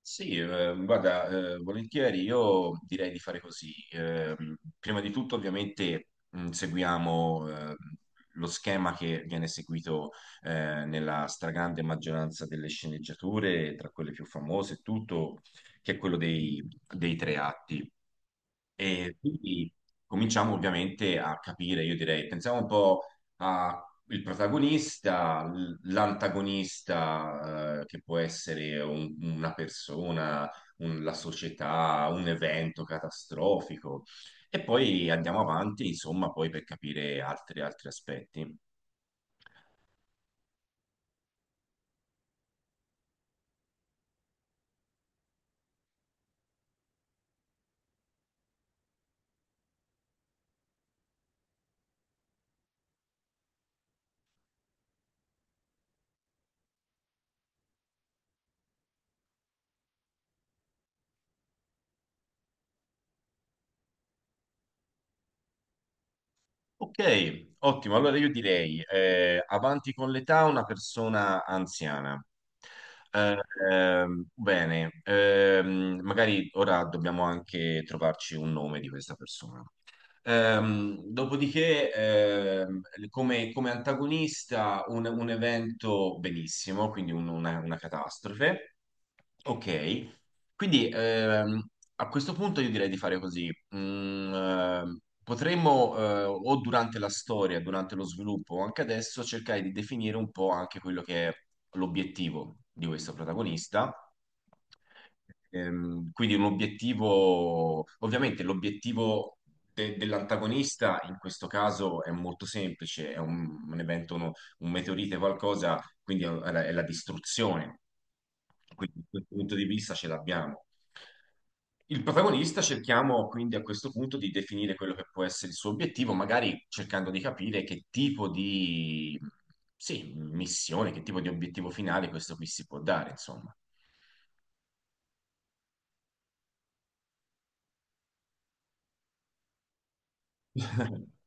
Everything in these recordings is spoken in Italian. Sì, guarda, volentieri io direi di fare così. Prima di tutto, ovviamente, seguiamo lo schema che viene seguito nella stragrande maggioranza delle sceneggiature, tra quelle più famose e tutto, che è quello dei tre atti. E quindi cominciamo ovviamente a capire, io direi, pensiamo un po' al protagonista, l'antagonista, che può essere una persona, la società, un evento catastrofico, e poi andiamo avanti, insomma, poi per capire altri aspetti. Ok, ottimo. Allora io direi, avanti con l'età, una persona anziana. Eh, bene, magari ora dobbiamo anche trovarci un nome di questa persona. Dopodiché, come, come antagonista, un evento benissimo, quindi una catastrofe. Ok, quindi a questo punto io direi di fare così. Mm, potremmo, o durante la storia, durante lo sviluppo, o anche adesso, cercare di definire un po' anche quello che è l'obiettivo di questo protagonista. Quindi un obiettivo, ovviamente l'obiettivo dell'antagonista in questo caso è molto semplice, è un evento, un meteorite, qualcosa quindi è la distruzione. Quindi da questo punto di vista ce l'abbiamo. Il protagonista cerchiamo quindi a questo punto di definire quello che può essere il suo obiettivo, magari cercando di capire che tipo di, sì, missione, che tipo di obiettivo finale questo qui si può dare, insomma.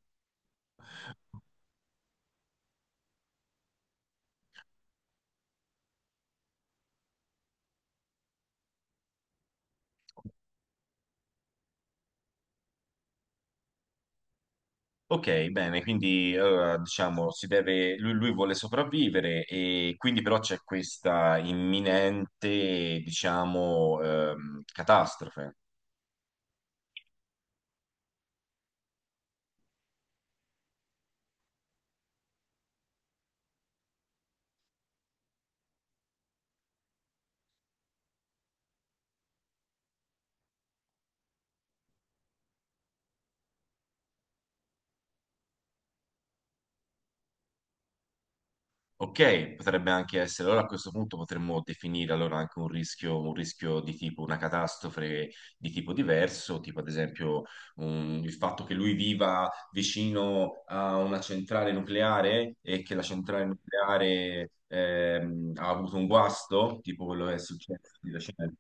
Ok, bene, quindi diciamo si deve, lui vuole sopravvivere e quindi però c'è questa imminente, diciamo, catastrofe. Ok, potrebbe anche essere, allora a questo punto potremmo definire allora anche un rischio di tipo una catastrofe di tipo diverso, tipo ad esempio il fatto che lui viva vicino a una centrale nucleare e che la centrale nucleare ha avuto un guasto, tipo quello che è successo di recente.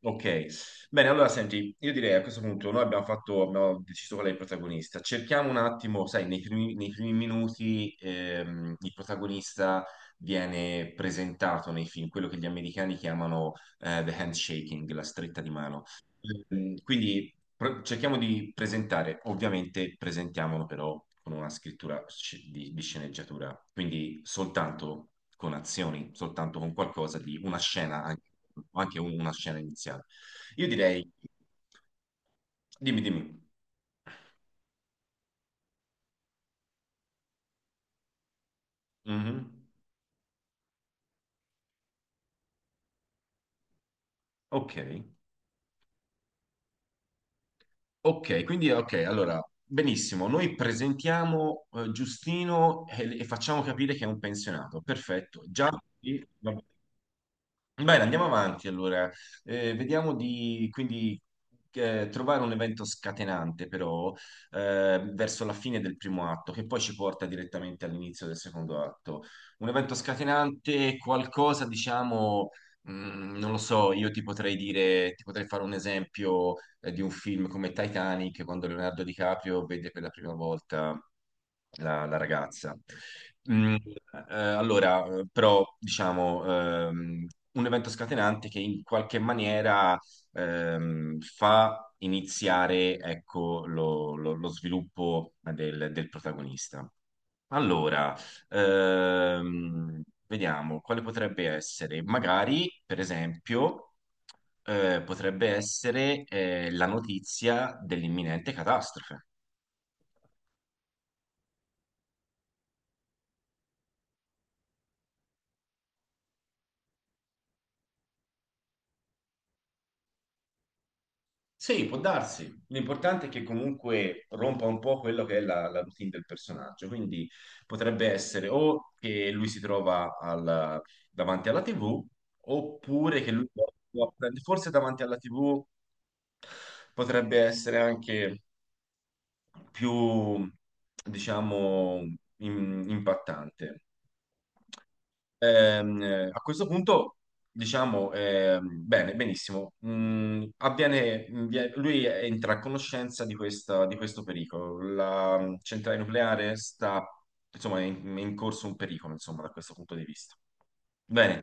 Ok, bene, allora senti, io direi a questo punto noi abbiamo fatto, abbiamo deciso qual è il protagonista. Cerchiamo un attimo, sai, nei primi minuti il protagonista viene presentato nei film, quello che gli americani chiamano the handshaking, la stretta di mano. Mm, Quindi cerchiamo di presentare, ovviamente presentiamolo però con una scrittura di sceneggiatura, quindi soltanto con azioni, soltanto con qualcosa di una scena, anche, anche una scena iniziale. Io direi, dimmi, dimmi. Mhm. Ok. Ok, quindi ok, allora, benissimo, noi presentiamo Giustino e facciamo capire che è un pensionato, perfetto, già. Sì, va bene. Bene, andiamo avanti allora, vediamo di quindi trovare un evento scatenante però verso la fine del primo atto che poi ci porta direttamente all'inizio del secondo atto. Un evento scatenante, qualcosa diciamo, mm, non lo so, io ti potrei dire, ti potrei fare un esempio di un film come Titanic, quando Leonardo DiCaprio vede per la prima volta la, la ragazza. Mm, allora, però, diciamo, ehm, un evento scatenante che in qualche maniera fa iniziare, ecco, lo, lo sviluppo del protagonista. Allora, vediamo quale potrebbe essere. Magari, per esempio, potrebbe essere la notizia dell'imminente catastrofe. Sì, può darsi. L'importante è che comunque rompa un po' quello che è la, la routine del personaggio, quindi potrebbe essere o che lui si trova davanti alla TV, oppure che può forse davanti alla TV potrebbe essere anche più, diciamo, impattante. A questo punto, diciamo, bene, benissimo. Mm, avviene, lui entra a conoscenza di di questo pericolo. La mm, centrale nucleare sta, insomma, è in corso un pericolo, insomma, da questo punto di vista. Bene.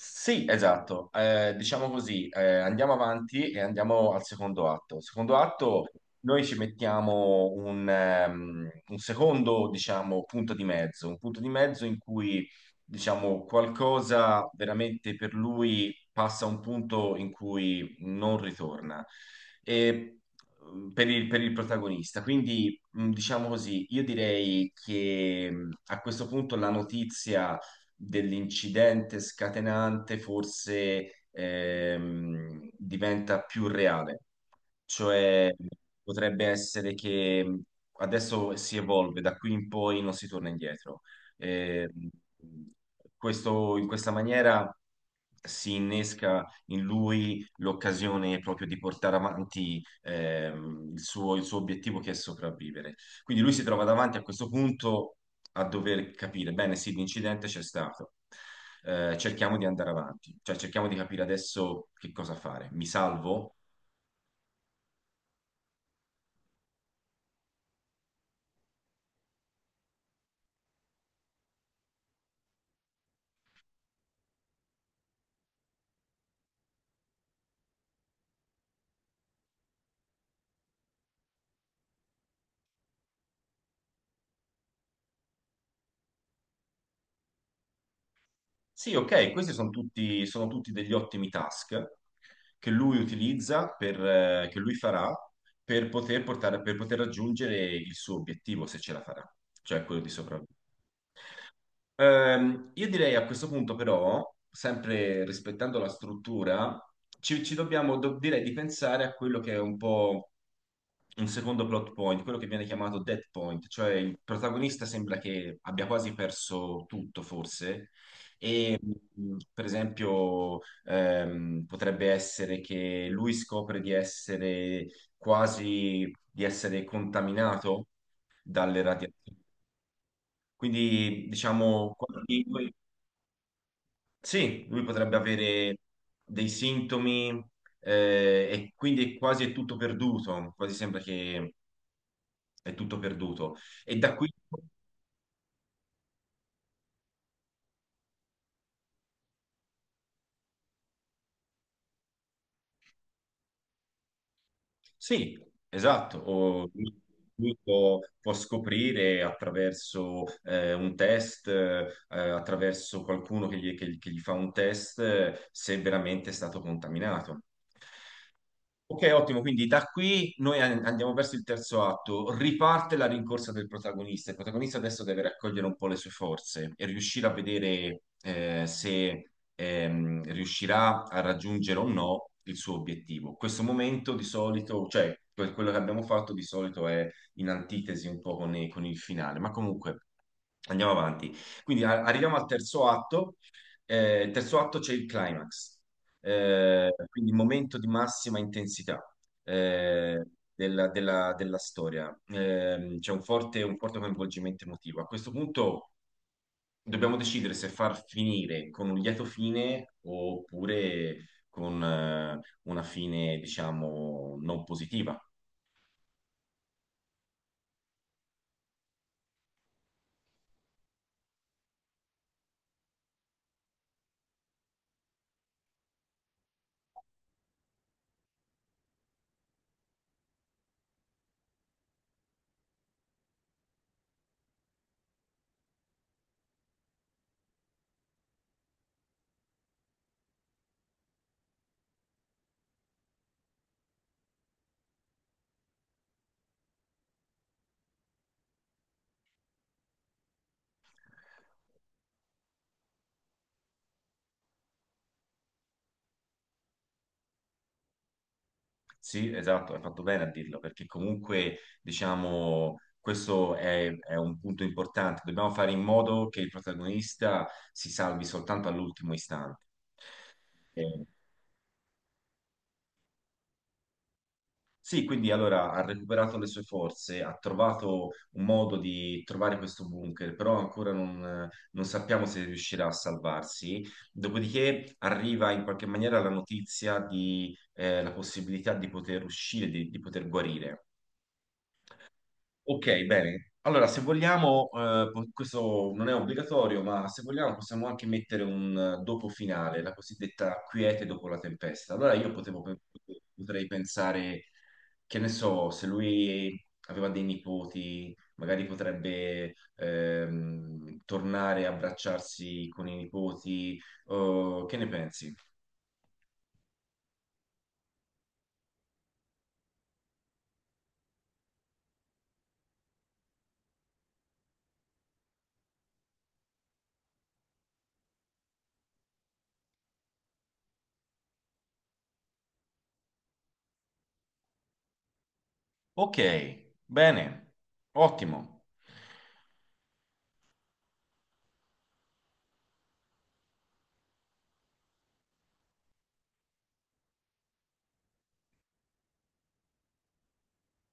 Sì, esatto. Diciamo così, andiamo avanti e andiamo al secondo atto. Al secondo atto noi ci mettiamo un secondo, diciamo, punto di mezzo, un punto di mezzo in cui, diciamo, qualcosa veramente per lui passa a un punto in cui non ritorna. E mm, per il protagonista. Quindi, mm, diciamo così, io direi che mm, a questo punto la notizia dell'incidente scatenante forse diventa più reale. Cioè, potrebbe essere che mhmm, adesso si evolve, da qui in poi non si torna indietro. Eh, in questa maniera si innesca in lui l'occasione proprio di portare avanti il suo obiettivo che è sopravvivere. Quindi lui si trova davanti a questo punto a dover capire, bene, sì, l'incidente c'è stato. Cerchiamo di andare avanti, cioè cerchiamo di capire adesso che cosa fare. Mi salvo? Sì, ok, questi sono tutti degli ottimi task che lui utilizza, per, che lui farà per poter portare, per poter raggiungere il suo obiettivo, se ce la farà, cioè quello di sopravvivere. Io direi a questo punto però, sempre rispettando la struttura, ci, ci dobbiamo, direi di pensare a quello che è un po' un secondo plot point, quello che viene chiamato dead point, cioè il protagonista sembra che abbia quasi perso tutto, forse, e per esempio potrebbe essere che lui scopre di essere quasi, di essere contaminato dalle radiazioni. Quindi, diciamo, quando sì, lui potrebbe avere dei sintomi e quindi quasi è tutto perduto, quasi sembra che è tutto perduto. E da qui, sì, esatto, lui può, può scoprire attraverso un test, attraverso qualcuno che gli, che che gli fa un test, se veramente è stato contaminato. Ok, ottimo, quindi da qui noi andiamo verso il terzo atto, riparte la rincorsa del protagonista, il protagonista adesso deve raccogliere un po' le sue forze e riuscire a vedere se riuscirà a raggiungere o no il suo obiettivo. Questo momento di solito, cioè quello che abbiamo fatto di solito è in antitesi un po' con, con il finale, ma comunque andiamo avanti. Quindi arriviamo al terzo atto, il terzo atto c'è il climax. Quindi momento di massima intensità eh, della, della storia. C'è un forte coinvolgimento emotivo. A questo punto dobbiamo decidere se far finire con un lieto fine oppure con una fine, diciamo, non positiva. Sì, esatto, hai fatto bene a dirlo, perché comunque, diciamo, questo è un punto importante. Dobbiamo fare in modo che il protagonista si salvi soltanto all'ultimo istante. Eh, Sì, quindi allora ha recuperato le sue forze, ha trovato un modo di trovare questo bunker, però ancora non, non sappiamo se riuscirà a salvarsi. Dopodiché arriva in qualche maniera la notizia di la possibilità di poter uscire, di poter guarire. Ok, bene. Allora, se vogliamo, questo non è obbligatorio, ma se vogliamo possiamo anche mettere un dopo finale, la cosiddetta quiete dopo la tempesta. Allora io potrei pensare, che ne so, se lui aveva dei nipoti, magari potrebbe tornare a abbracciarsi con i nipoti. Che ne pensi? Ok, bene, ottimo.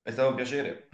È stato un piacere.